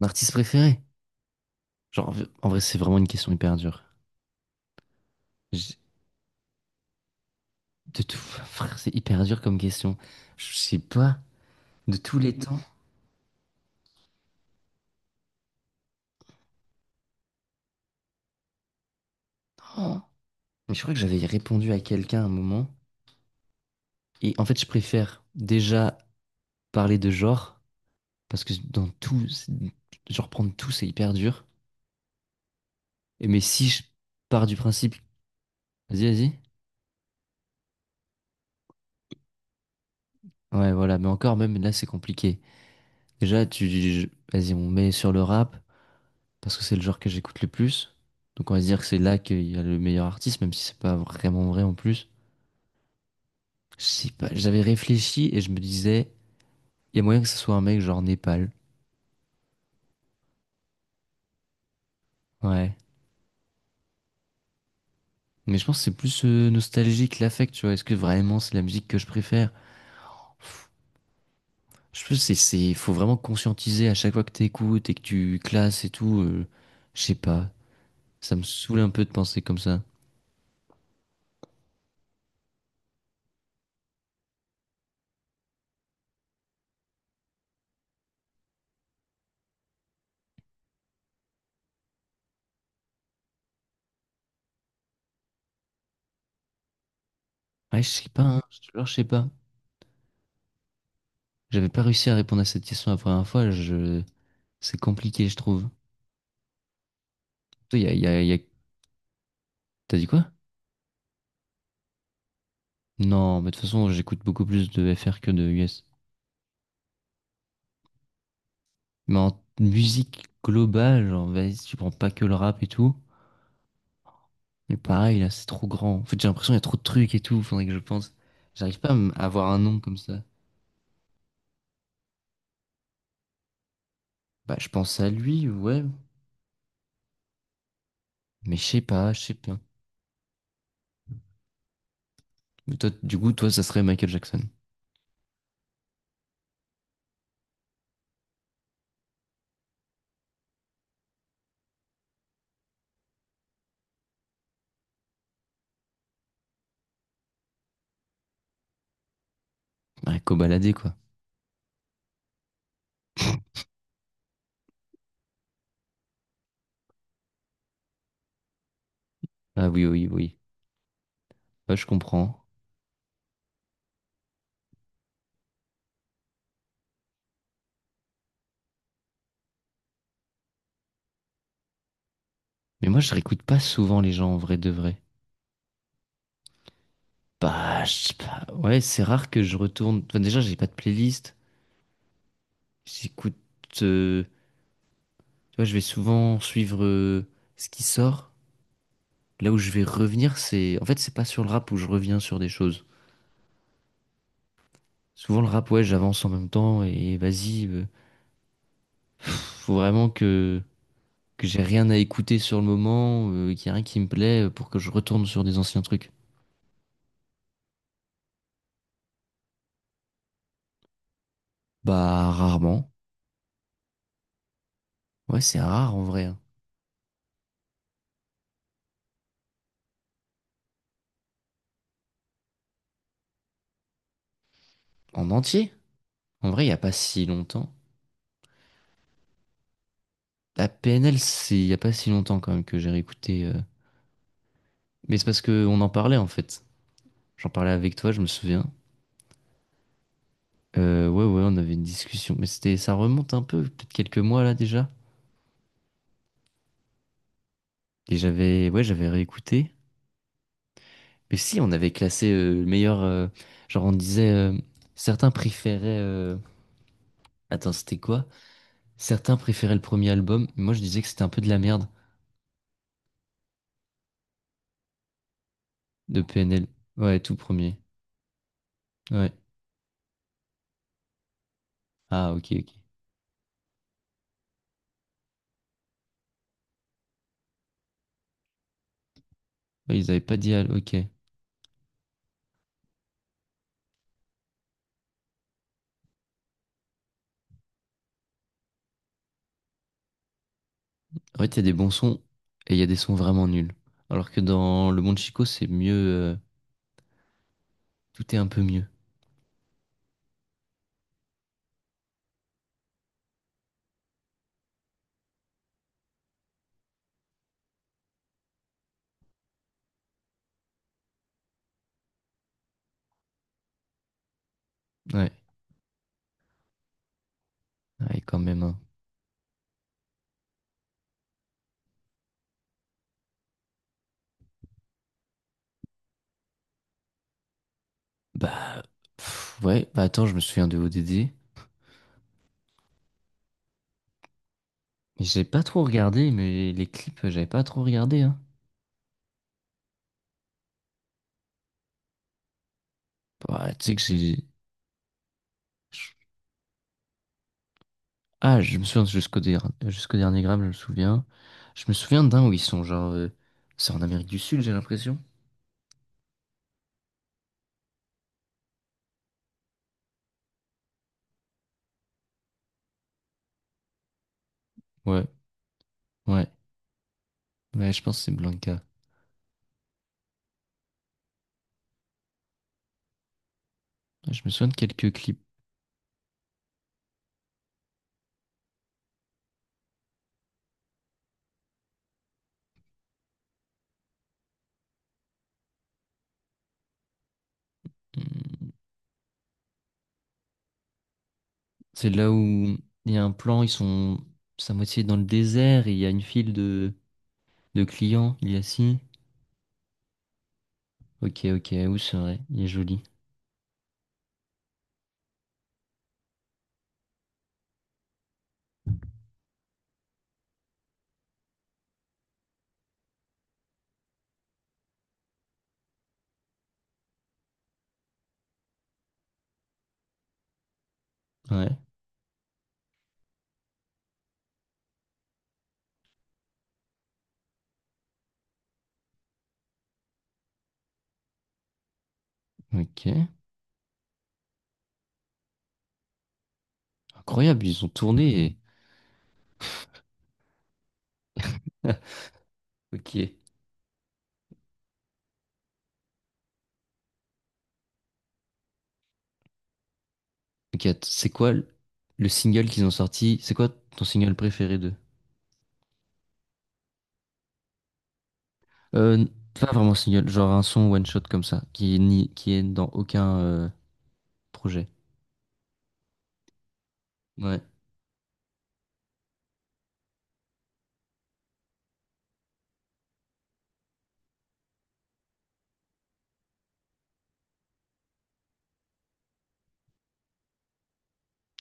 Mon artiste préféré? Genre, en vrai, c'est vraiment une question hyper dure. J- De tout, frère, c'est hyper dur comme question. Je sais pas, de tous les temps. Oh. Mais je crois que j'avais répondu à quelqu'un à un moment. Et en fait, je préfère déjà parler de genre, parce que dans tout, genre prendre tout, c'est hyper dur. Et mais si je pars du principe, vas-y, vas-y. Ouais, voilà, mais encore, même là, c'est compliqué. Déjà, vas-y, on met sur le rap, parce que c'est le genre que j'écoute le plus. Donc on va se dire que c'est là qu'il y a le meilleur artiste, même si c'est pas vraiment vrai en plus. Je sais pas, j'avais réfléchi et je me disais, il y a moyen que ce soit un mec genre Népal. Ouais. Mais je pense que c'est plus nostalgique l'affect, tu vois. Est-ce que vraiment c'est la musique que je préfère? Pff, je pense que c'est, faut vraiment conscientiser à chaque fois que t'écoutes et que tu classes et tout. Je sais pas. Ça me saoule un peu de penser comme ça. Ouais, je sais pas, hein, je te jure, je sais pas. J'avais pas réussi à répondre à cette question la première fois. Je... C'est compliqué, je trouve. Toi, t'as dit quoi? Non, mais de toute façon, j'écoute beaucoup plus de FR que de US. Mais en musique globale, genre, vas-y, si tu prends pas que le rap et tout. Mais pareil, là, c'est trop grand. En fait, j'ai l'impression qu'il y a trop de trucs et tout, faudrait que je pense. J'arrive pas à avoir un nom comme ça. Bah, je pense à lui, ouais. Mais je sais pas, je sais pas. Mais toi, du coup, toi, ça serait Michael Jackson. Ouais, cobaladé, quoi. Ah oui, oui, oui. Ouais, je comprends. Mais moi, je réécoute pas souvent les gens en vrai de vrai. Bah, je sais pas. Ouais, c'est rare que je retourne. Enfin, déjà, j'ai pas de playlist. J'écoute, euh, tu vois, je vais souvent suivre ce qui sort. Là où je vais revenir, en fait, c'est pas sur le rap où je reviens sur des choses. Souvent le rap, ouais, j'avance en même temps et vas-y, faut vraiment que j'ai rien à écouter sur le moment, qu'il y a rien qui me plaît pour que je retourne sur des anciens trucs. Bah rarement. Ouais, c'est rare en vrai, hein. En entier. En vrai, il y a pas si longtemps. La PNL, c'est il y a pas si longtemps quand même que j'ai réécouté. Mais c'est parce que on en parlait en fait. J'en parlais avec toi, je me souviens. Ouais, ouais, on avait une discussion, mais ça remonte un peu, peut-être quelques mois là déjà. Et ouais, j'avais réécouté. Mais si, on avait classé le meilleur, genre on disait, certains préféraient, attends, c'était quoi? Certains préféraient le premier album, mais moi je disais que c'était un peu de la merde de PNL. Ouais, tout premier. Ouais. Ah, ok, ok. Ouais, ils avaient pas dit, ok. En fait, il y a des bons sons et il y a des sons vraiment nuls. Alors que dans Le Monde Chico, c'est mieux, tout est un peu mieux. Ouais, ouais, quand même, hein. Bah, pff, ouais, bah attends, je me souviens de ODD. Mais j'ai pas trop regardé, mais les clips, j'avais pas trop regardé, hein. Bah, tu sais que j'ai... je- Ah, je me souviens jusqu'au dernier gramme, je me souviens. Je me souviens d'un où ils sont genre... C'est en Amérique du Sud, j'ai l'impression. Ouais, ouais. Ouais, je pense que c'est Blanca. Ouais, je me souviens de quelques clips. Hmm, c'est là où il y a un plan, ils sont... C'est à moitié dans le désert, et il y a une file de clients, il y a si. Ok, ok, où c'est vrai, il est joli. Ouais. Ok. Incroyable, ils ont tourné. et- Ok. Ok, c'est quoi le single qu'ils ont sorti? C'est quoi ton single préféré d'eux? Euh, n- Pas vraiment single, genre un son one shot comme ça, qui est dans aucun projet. Ouais.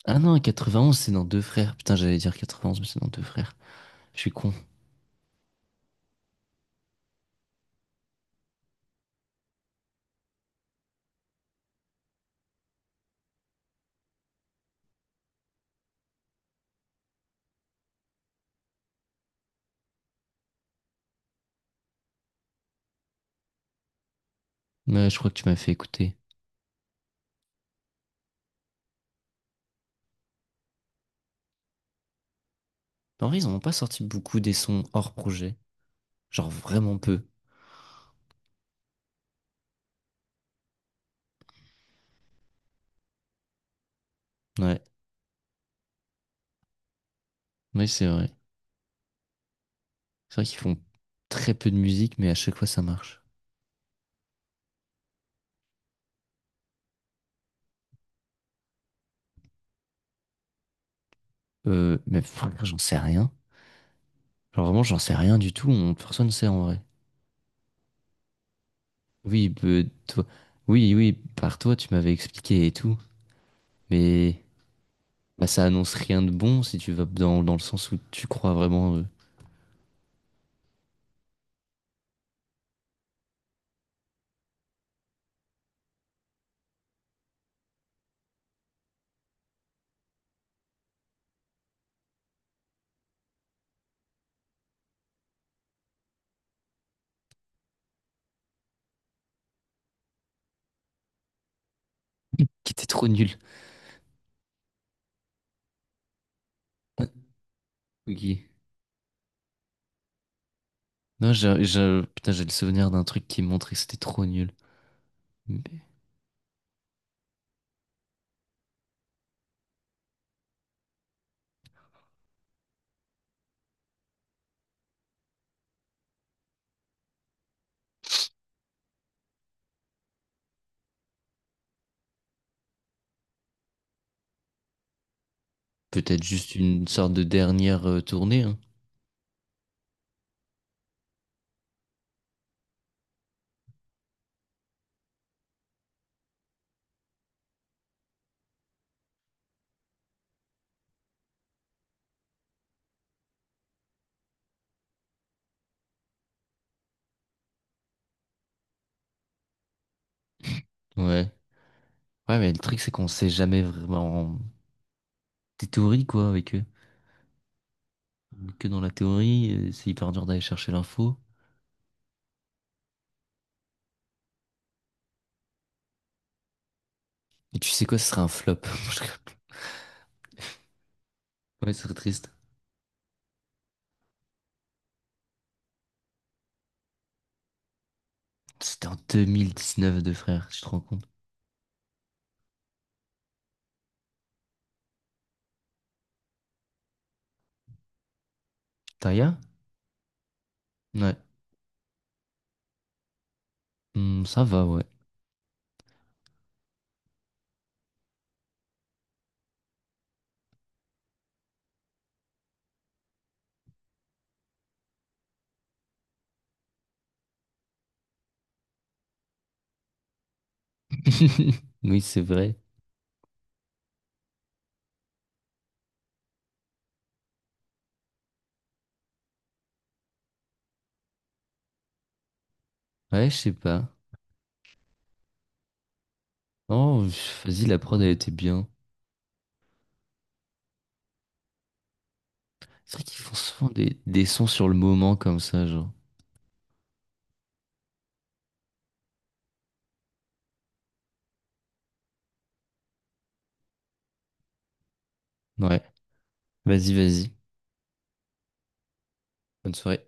Ah non, 91, c'est dans Deux Frères. Putain, j'allais dire 91, mais c'est dans Deux Frères. Je suis con. Mais je crois que tu m'as fait écouter. En vrai, ils en ont pas sorti beaucoup des sons hors projet. Genre vraiment peu. Ouais. Oui, c'est vrai. C'est vrai qu'ils font très peu de musique, mais à chaque fois ça marche. Mais frère, j'en sais rien. Genre vraiment, j'en sais rien du tout. Personne ne sait en vrai. Oui, toi, oui, oui, par toi, tu m'avais expliqué et tout. Mais bah, ça annonce rien de bon si tu vas dans le sens où tu crois vraiment qu'il était trop nul. Euh, Ok. Non, putain, j'ai le souvenir d'un truc qui montrait que c'était trop nul. Mais peut-être juste une sorte de dernière tournée, hein. Ouais. Ouais, mais le truc, c'est qu'on sait jamais vraiment des théories, quoi, avec eux. Que dans la théorie, c'est hyper dur d'aller chercher l'info. Et tu sais quoi, ce serait un flop. Ouais, ce serait triste. C'était en 2019, de frère, tu te rends compte. Taya? Ouais. Hmm, ça va, ouais. Oui, c'est vrai. Ouais, je sais pas. Oh, pff, vas-y, la prod, elle était bien. C'est vrai qu'ils font souvent des sons sur le moment comme ça, genre. Ouais. Vas-y, vas-y. Bonne soirée.